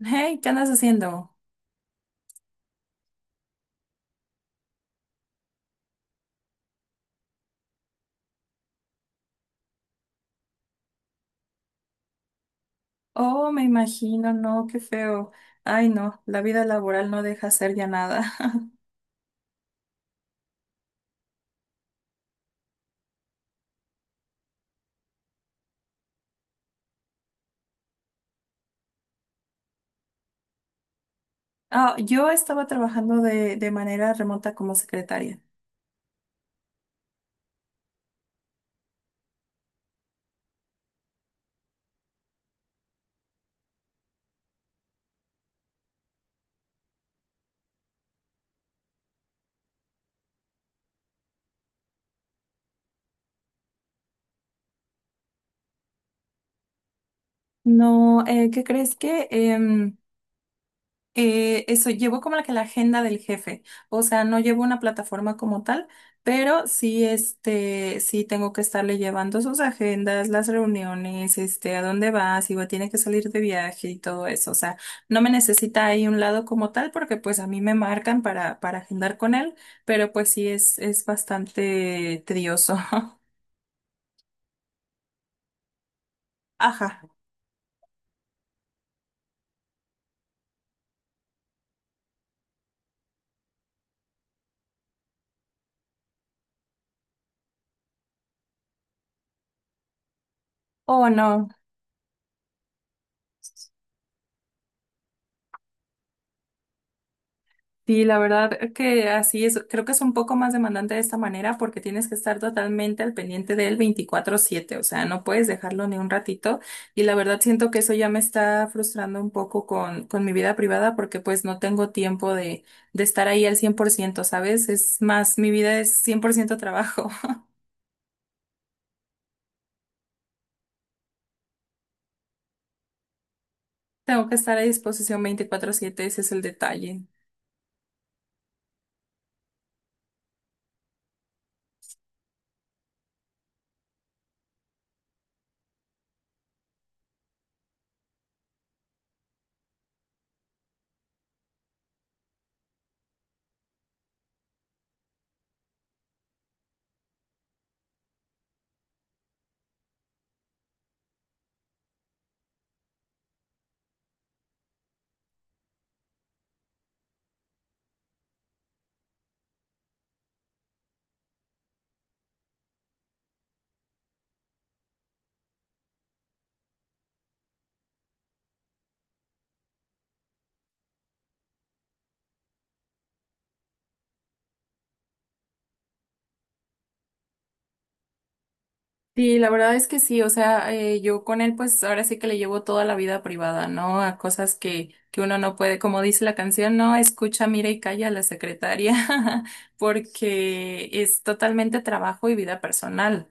Hey, ¿qué andas haciendo? Oh, me imagino, no, qué feo. Ay, no, la vida laboral no deja hacer ya nada. Ah, yo estaba trabajando de manera remota como secretaria. No, ¿qué crees que? Eso, llevo como la que la agenda del jefe, o sea, no llevo una plataforma como tal, pero sí, sí tengo que estarle llevando sus agendas, las reuniones, a dónde va, si va, tiene que salir de viaje y todo eso, o sea, no me necesita ahí un lado como tal porque pues a mí me marcan para agendar con él, pero pues sí es bastante tedioso. Ajá. Oh, no. Sí, la verdad que así es. Creo que es un poco más demandante de esta manera porque tienes que estar totalmente al pendiente del 24/7. O sea, no puedes dejarlo ni un ratito. Y la verdad siento que eso ya me está frustrando un poco con mi vida privada porque pues no tengo tiempo de estar ahí al 100%, ¿sabes? Es más, mi vida es 100% trabajo. Tengo que estar a disposición 24/7. Ese es el detalle. Sí, la verdad es que sí, o sea, yo con él pues ahora sí que le llevo toda la vida privada, ¿no? A cosas que uno no puede, como dice la canción, no escucha, mira y calla a la secretaria, porque es totalmente trabajo y vida personal.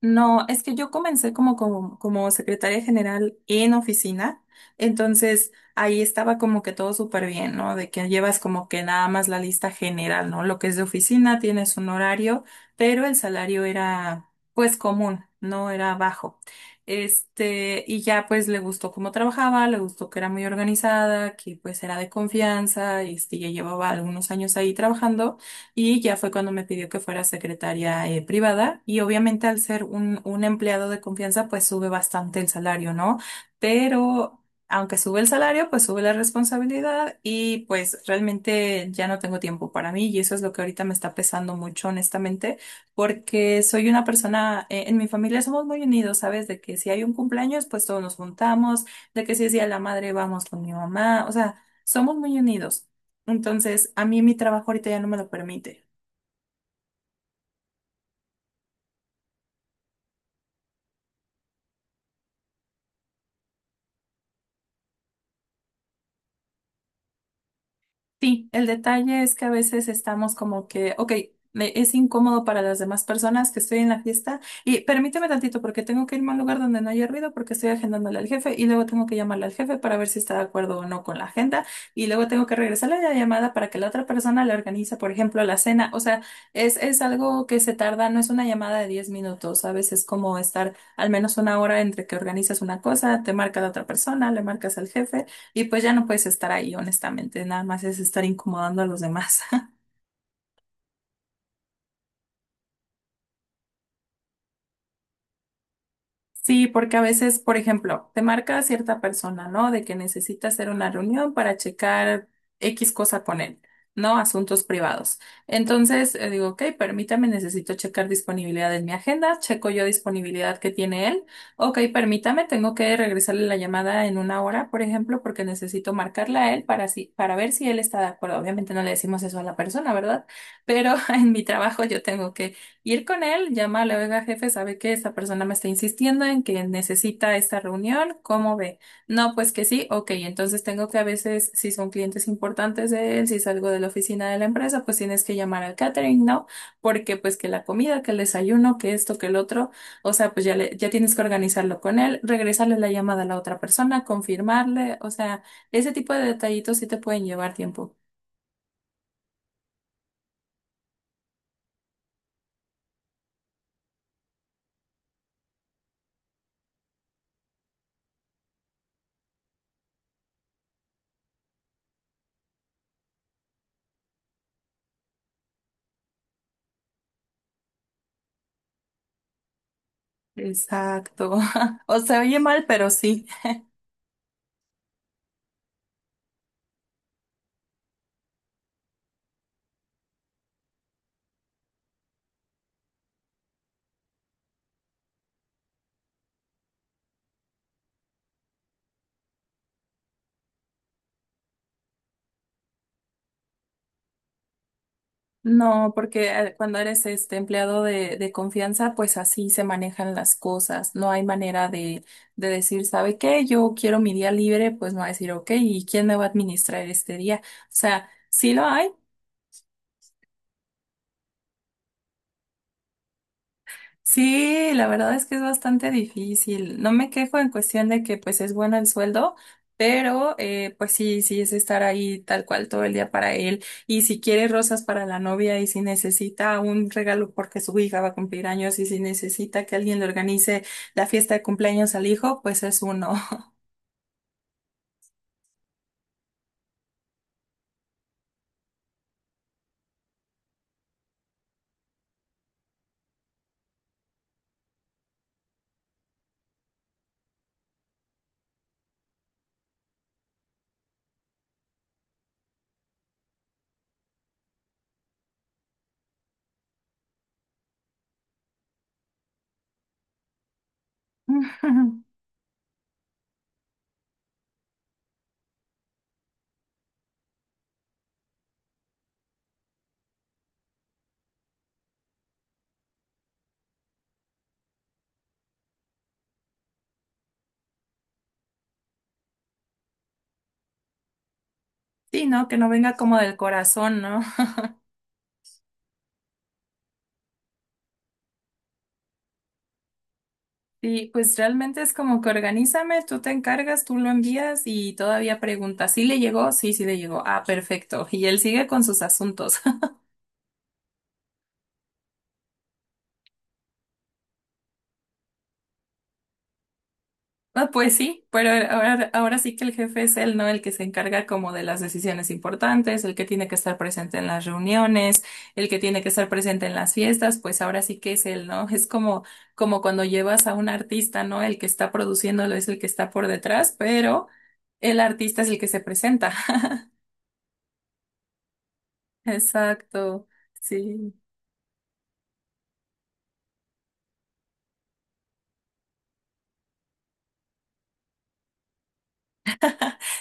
No, es que yo comencé como secretaria general en oficina, entonces ahí estaba como que todo súper bien, ¿no? De que llevas como que nada más la lista general, ¿no? Lo que es de oficina, tienes un horario, pero el salario era pues común, no era bajo. Y ya pues le gustó cómo trabajaba, le gustó que era muy organizada, que pues era de confianza, ya llevaba algunos años ahí trabajando. Y ya fue cuando me pidió que fuera secretaria privada y obviamente al ser un empleado de confianza pues sube bastante el salario, ¿no? Pero aunque sube el salario pues sube la responsabilidad y pues realmente ya no tengo tiempo para mí y eso es lo que ahorita me está pesando mucho honestamente porque soy una persona, en mi familia somos muy unidos, ¿sabes? De que si hay un cumpleaños pues todos nos juntamos, de que si es día de la madre vamos con mi mamá, o sea, somos muy unidos. Entonces, a mí mi trabajo ahorita ya no me lo permite. Sí, el detalle es que a veces estamos como que, ok, es incómodo para las demás personas que estoy en la fiesta y permíteme tantito porque tengo que irme a un lugar donde no haya ruido porque estoy agendándole al jefe y luego tengo que llamarle al jefe para ver si está de acuerdo o no con la agenda y luego tengo que regresarle la llamada para que la otra persona le organice, por ejemplo, la cena. O sea, es algo que se tarda, no es una llamada de 10 minutos, a veces es como estar al menos una hora entre que organizas una cosa, te marca la otra persona, le marcas al jefe. Y pues ya no puedes estar ahí, honestamente, nada más es estar incomodando a los demás. Sí, porque a veces, por ejemplo, te marca a cierta persona, ¿no? De que necesita hacer una reunión para checar X cosa con él, ¿no? Asuntos privados. Entonces, digo, ok, permítame, necesito checar disponibilidad en mi agenda, checo yo disponibilidad que tiene él. Ok, permítame, tengo que regresarle la llamada en una hora, por ejemplo, porque necesito marcarla a él para, si, para ver si él está de acuerdo. Obviamente no le decimos eso a la persona, ¿verdad? Pero en mi trabajo yo tengo ir con él, llámale, oiga, jefe, sabe que esta persona me está insistiendo en que necesita esta reunión, ¿cómo ve? No, pues que sí, ok, entonces tengo que a veces, si son clientes importantes de él, si es algo de la oficina de la empresa, pues tienes que llamar al catering, ¿no? Porque pues que la comida, que el desayuno, que esto, que el otro, o sea, pues ya, ya tienes que organizarlo con él, regresarle la llamada a la otra persona, confirmarle, o sea, ese tipo de detallitos sí te pueden llevar tiempo. Exacto. O se oye mal, pero sí. No, porque cuando eres este empleado de confianza, pues así se manejan las cosas. No hay manera de decir, ¿sabe qué? Yo quiero mi día libre, pues no va a decir, ok, ¿y quién me va a administrar este día? O sea, sí lo hay. Sí, la verdad es que es bastante difícil. No me quejo en cuestión de que pues es bueno el sueldo, pero pues sí, sí es estar ahí tal cual todo el día para él. Y si quiere rosas para la novia y si necesita un regalo porque su hija va a cumplir años y si necesita que alguien le organice la fiesta de cumpleaños al hijo, pues es uno. Sí, ¿no? Que no venga como del corazón, ¿no? Sí, pues realmente es como que organízame, tú te encargas, tú lo envías y todavía pregunta, ¿sí le llegó? Sí, sí le llegó. Ah, perfecto. Y él sigue con sus asuntos. Ah, pues sí, pero ahora sí que el jefe es él, ¿no? El que se encarga como de las decisiones importantes, el que tiene que estar presente en las reuniones, el que tiene que estar presente en las fiestas, pues ahora sí que es él, ¿no? Es como cuando llevas a un artista, ¿no? El que está produciéndolo es el que está por detrás, pero el artista es el que se presenta. Exacto, sí,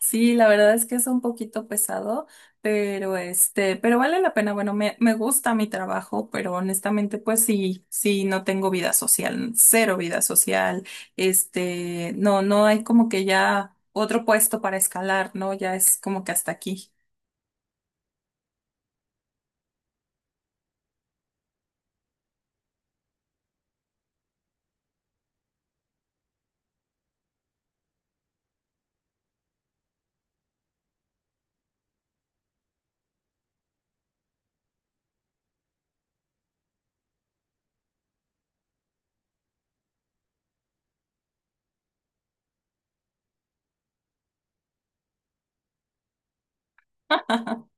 sí, la verdad es que es un poquito pesado, pero pero vale la pena, bueno, me gusta mi trabajo, pero honestamente, pues sí, sí, no tengo vida social, cero vida social, no, no hay como que ya otro puesto para escalar, ¿no? Ya es como que hasta aquí.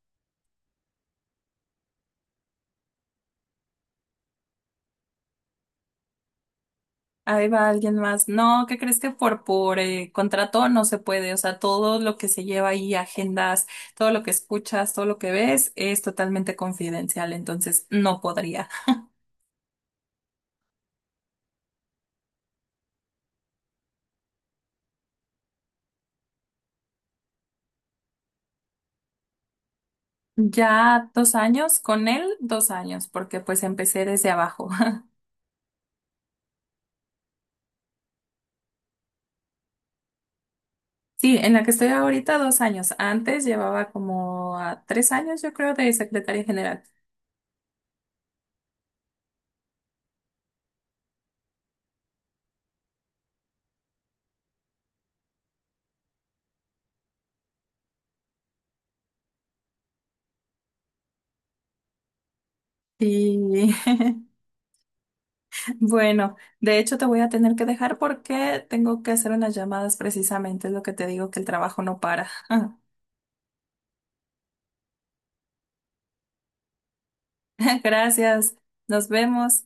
Ahí va alguien más. No, ¿qué crees que por contrato no se puede? O sea, todo lo que se lleva ahí, agendas, todo lo que escuchas, todo lo que ves, es totalmente confidencial, entonces no podría. Ya 2 años, con él 2 años, porque pues empecé desde abajo. Sí, en la que estoy ahorita 2 años. Antes llevaba como a 3 años, yo creo, de secretaria general. Sí. Bueno, de hecho te voy a tener que dejar porque tengo que hacer unas llamadas precisamente, es lo que te digo, que el trabajo no para. Gracias, nos vemos.